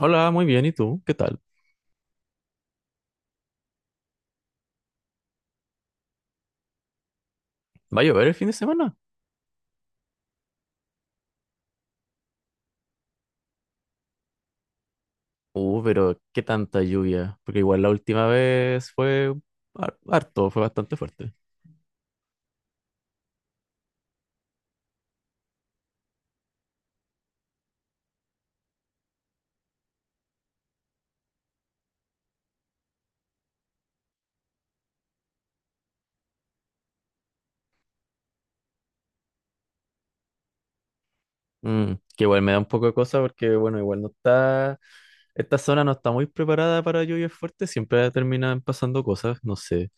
Hola, muy bien, ¿y tú? ¿Qué tal? ¿Va a llover el fin de semana? Pero qué tanta lluvia, porque igual la última vez fue harto, fue bastante fuerte. Mm, que igual me da un poco de cosa porque, bueno, igual no está, esta zona no está muy preparada para lluvias fuertes, siempre terminan pasando cosas, no sé,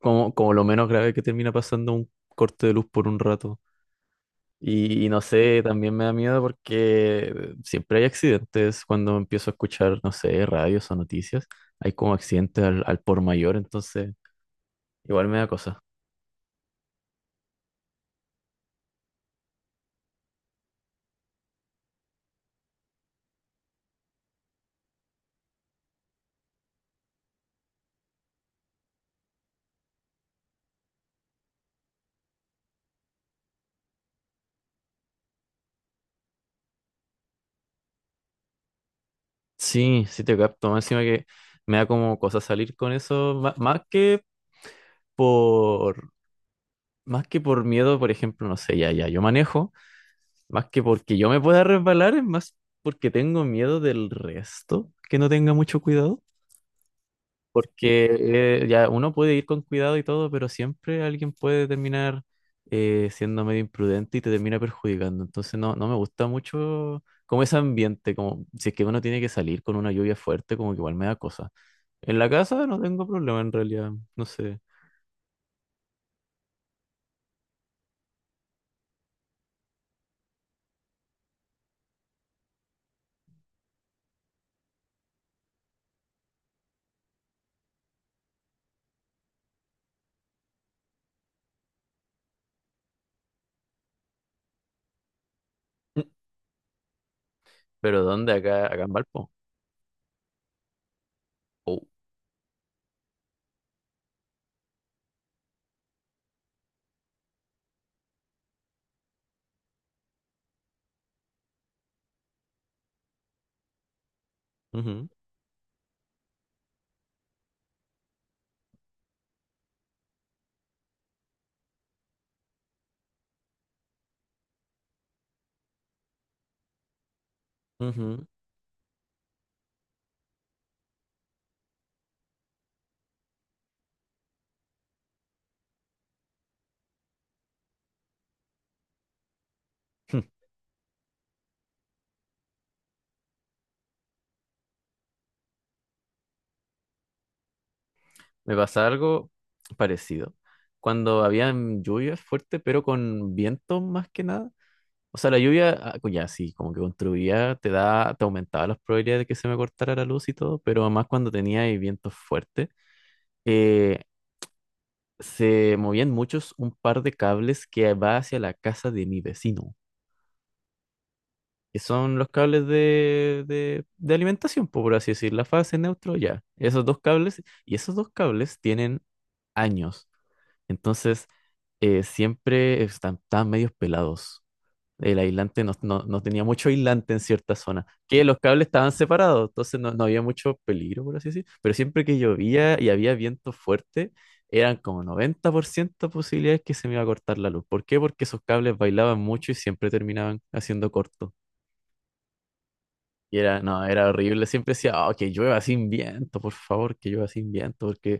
como lo menos grave que termina pasando un corte de luz por un rato. Y no sé, también me da miedo porque siempre hay accidentes cuando empiezo a escuchar, no sé, radios o noticias. Hay como accidentes al por mayor, entonces igual me da cosa. Sí, sí te capto. Más encima que me da como cosa salir con eso, más, que, por, más que por miedo, por ejemplo, no sé, ya, yo manejo, más que porque yo me pueda resbalar, es más porque tengo miedo del resto, que no tenga mucho cuidado. Porque ya uno puede ir con cuidado y todo, pero siempre alguien puede terminar siendo medio imprudente y te termina perjudicando. Entonces no, no me gusta mucho como ese ambiente, como si es que uno tiene que salir con una lluvia fuerte, como que igual me da cosa. En la casa no tengo problema en realidad, no sé. Mm. Pero ¿dónde? Acá, acá en Valpo. Oh. Ujú, ujú. Me pasa algo parecido. Cuando habían lluvias fuertes, pero con vientos más que nada. O sea, la lluvia, ah, ya sí, como que contribuía, te da, te aumentaba las probabilidades de que se me cortara la luz y todo, pero además cuando tenía ahí vientos fuertes, eh, se movían muchos un par de cables que va hacia la casa de mi vecino, que son los cables de alimentación, po, por así decir, la fase, neutro, ya. Esos dos cables, y esos dos cables tienen años, entonces siempre están, están medios pelados. El aislante no tenía mucho aislante en cierta zona, que los cables estaban separados, entonces no, no había mucho peligro, por así decir. Pero siempre que llovía y había viento fuerte, eran como 90% posibilidades que se me iba a cortar la luz. ¿Por qué? Porque esos cables bailaban mucho y siempre terminaban haciendo corto. Y era, no, era horrible. Siempre decía, oh, que llueva sin viento, por favor, que llueva sin viento, porque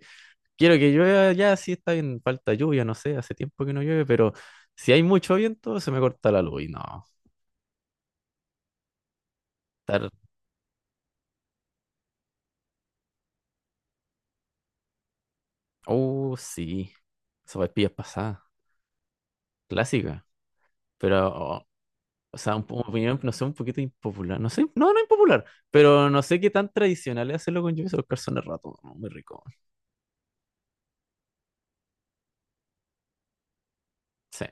quiero que llueva ya, sí está bien, falta lluvia, no sé, hace tiempo que no llueve, pero si hay mucho viento, se me corta la luz y no. Oh, sí. Sopaipillas pasadas. Clásica. Pero, oh, o sea, un, opinión, no sé, un poquito impopular. No sé, no, no impopular. Pero no sé qué tan tradicional es hacerlo con lluvia los calzones rato. ¿No? Muy rico. Sí.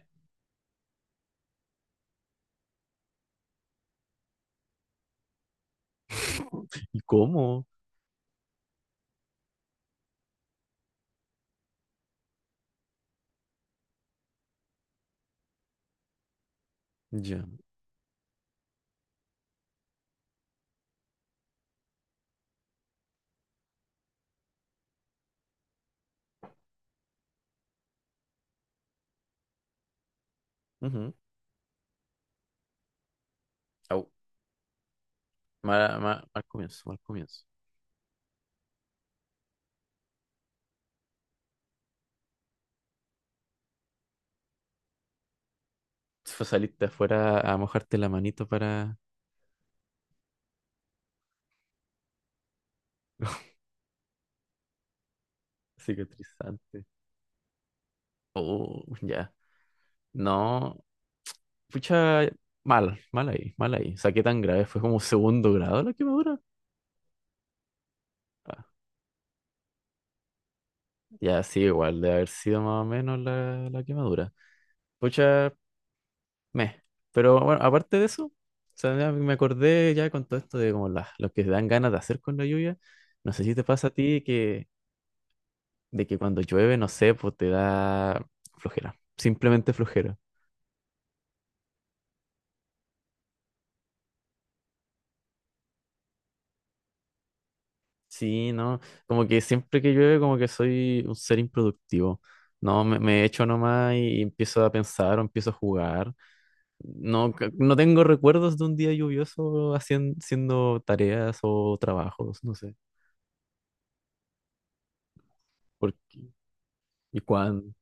¿Y cómo? Ya. Ujú. Au. Mal comienzo, mal comienzo. Fue salirte afuera a mojarte la manito para cicatrizante. Oh, ya. No, pucha, mal, mal ahí, mal ahí. O sea, qué tan grave. Fue como segundo grado la quemadura. Ya, sí, igual, de haber sido más o menos la quemadura. Pucha, meh. Pero bueno, aparte de eso, o sea, ya me acordé ya con todo esto de como los que dan ganas de hacer con la lluvia. No sé si te pasa a ti que, de que cuando llueve, no sé, pues te da flojera. Simplemente flojera. Sí, no, como que siempre que llueve, como que soy un ser improductivo. No, me echo nomás y empiezo a pensar o empiezo a jugar. No, no tengo recuerdos de un día lluvioso haciendo tareas o trabajos, no sé. ¿Por y cuándo?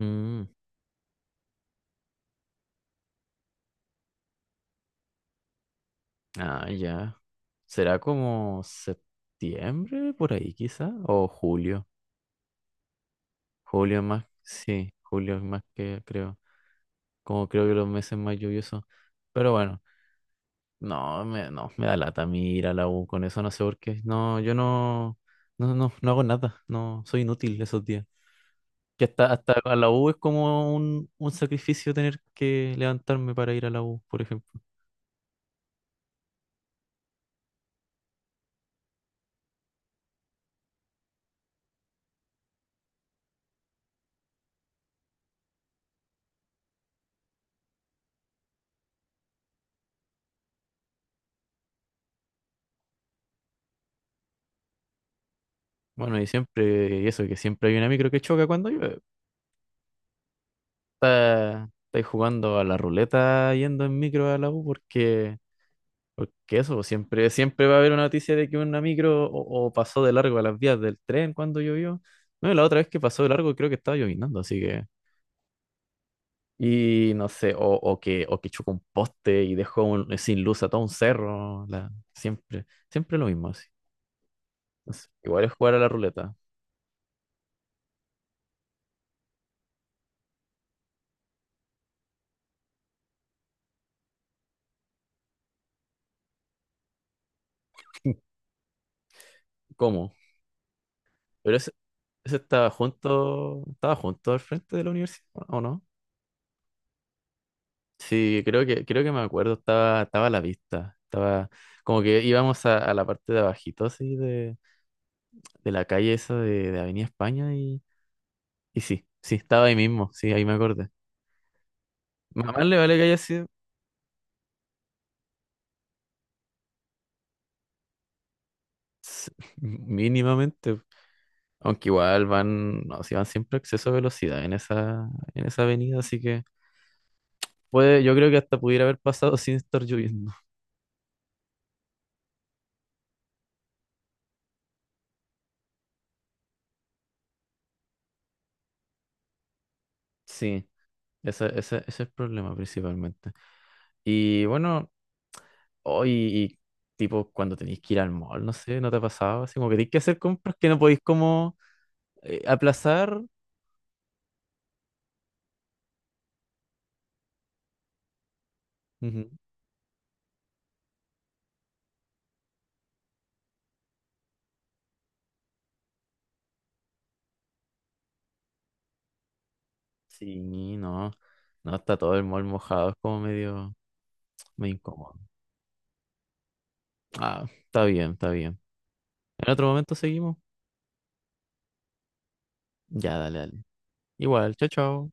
Mm, ah, ya. ¿Será como septiembre por ahí quizá? ¿O julio? Julio es más, sí, julio es más que creo. Como creo que los meses más lluviosos. Pero bueno, no, no, me da lata a mí ir a la U con eso, no sé por qué. No, yo no, no hago nada, no, soy inútil esos días. Que hasta a la U es como un sacrificio tener que levantarme para ir a la U, por ejemplo. Bueno, y siempre, y eso, que siempre hay una micro que choca cuando llueve. Estáis jugando a la ruleta yendo en micro a la U porque eso, pues, siempre, siempre va a haber una noticia de que una micro o pasó de largo a las vías del tren cuando llovió. No, y la otra vez que pasó de largo creo que estaba llovinando, así que... Y no sé, o que chocó un poste y dejó un- sin luz a todo un cerro, la, siempre. Siempre lo mismo. Entonces, igual es jugar a la ruleta. ¿Cómo? Pero ese estaba junto al frente de la universidad, ¿o no? Sí, creo que me acuerdo, estaba, estaba a la vista. Estaba como que íbamos a la parte de abajito así de la calle esa de Avenida España y sí, sí, estaba ahí mismo, sí, ahí me acordé. Mamá le vale que haya sido s- mínimamente, aunque igual van, no, si van siempre a exceso de velocidad en esa avenida, así que puede, yo creo que hasta pudiera haber pasado sin estar lloviendo. Sí, ese es el problema principalmente. Y bueno, hoy, y tipo, cuando tenéis que ir al mall, no sé, ¿no te ha pasado? Así como que tenéis que hacer compras que no podéis como aplazar. Ujú. Sí, no, no, está todo el mall mojado, es como medio, medio incómodo. Ah, está bien, está bien. En otro momento seguimos. Ya, dale, dale. Igual, chao, chao.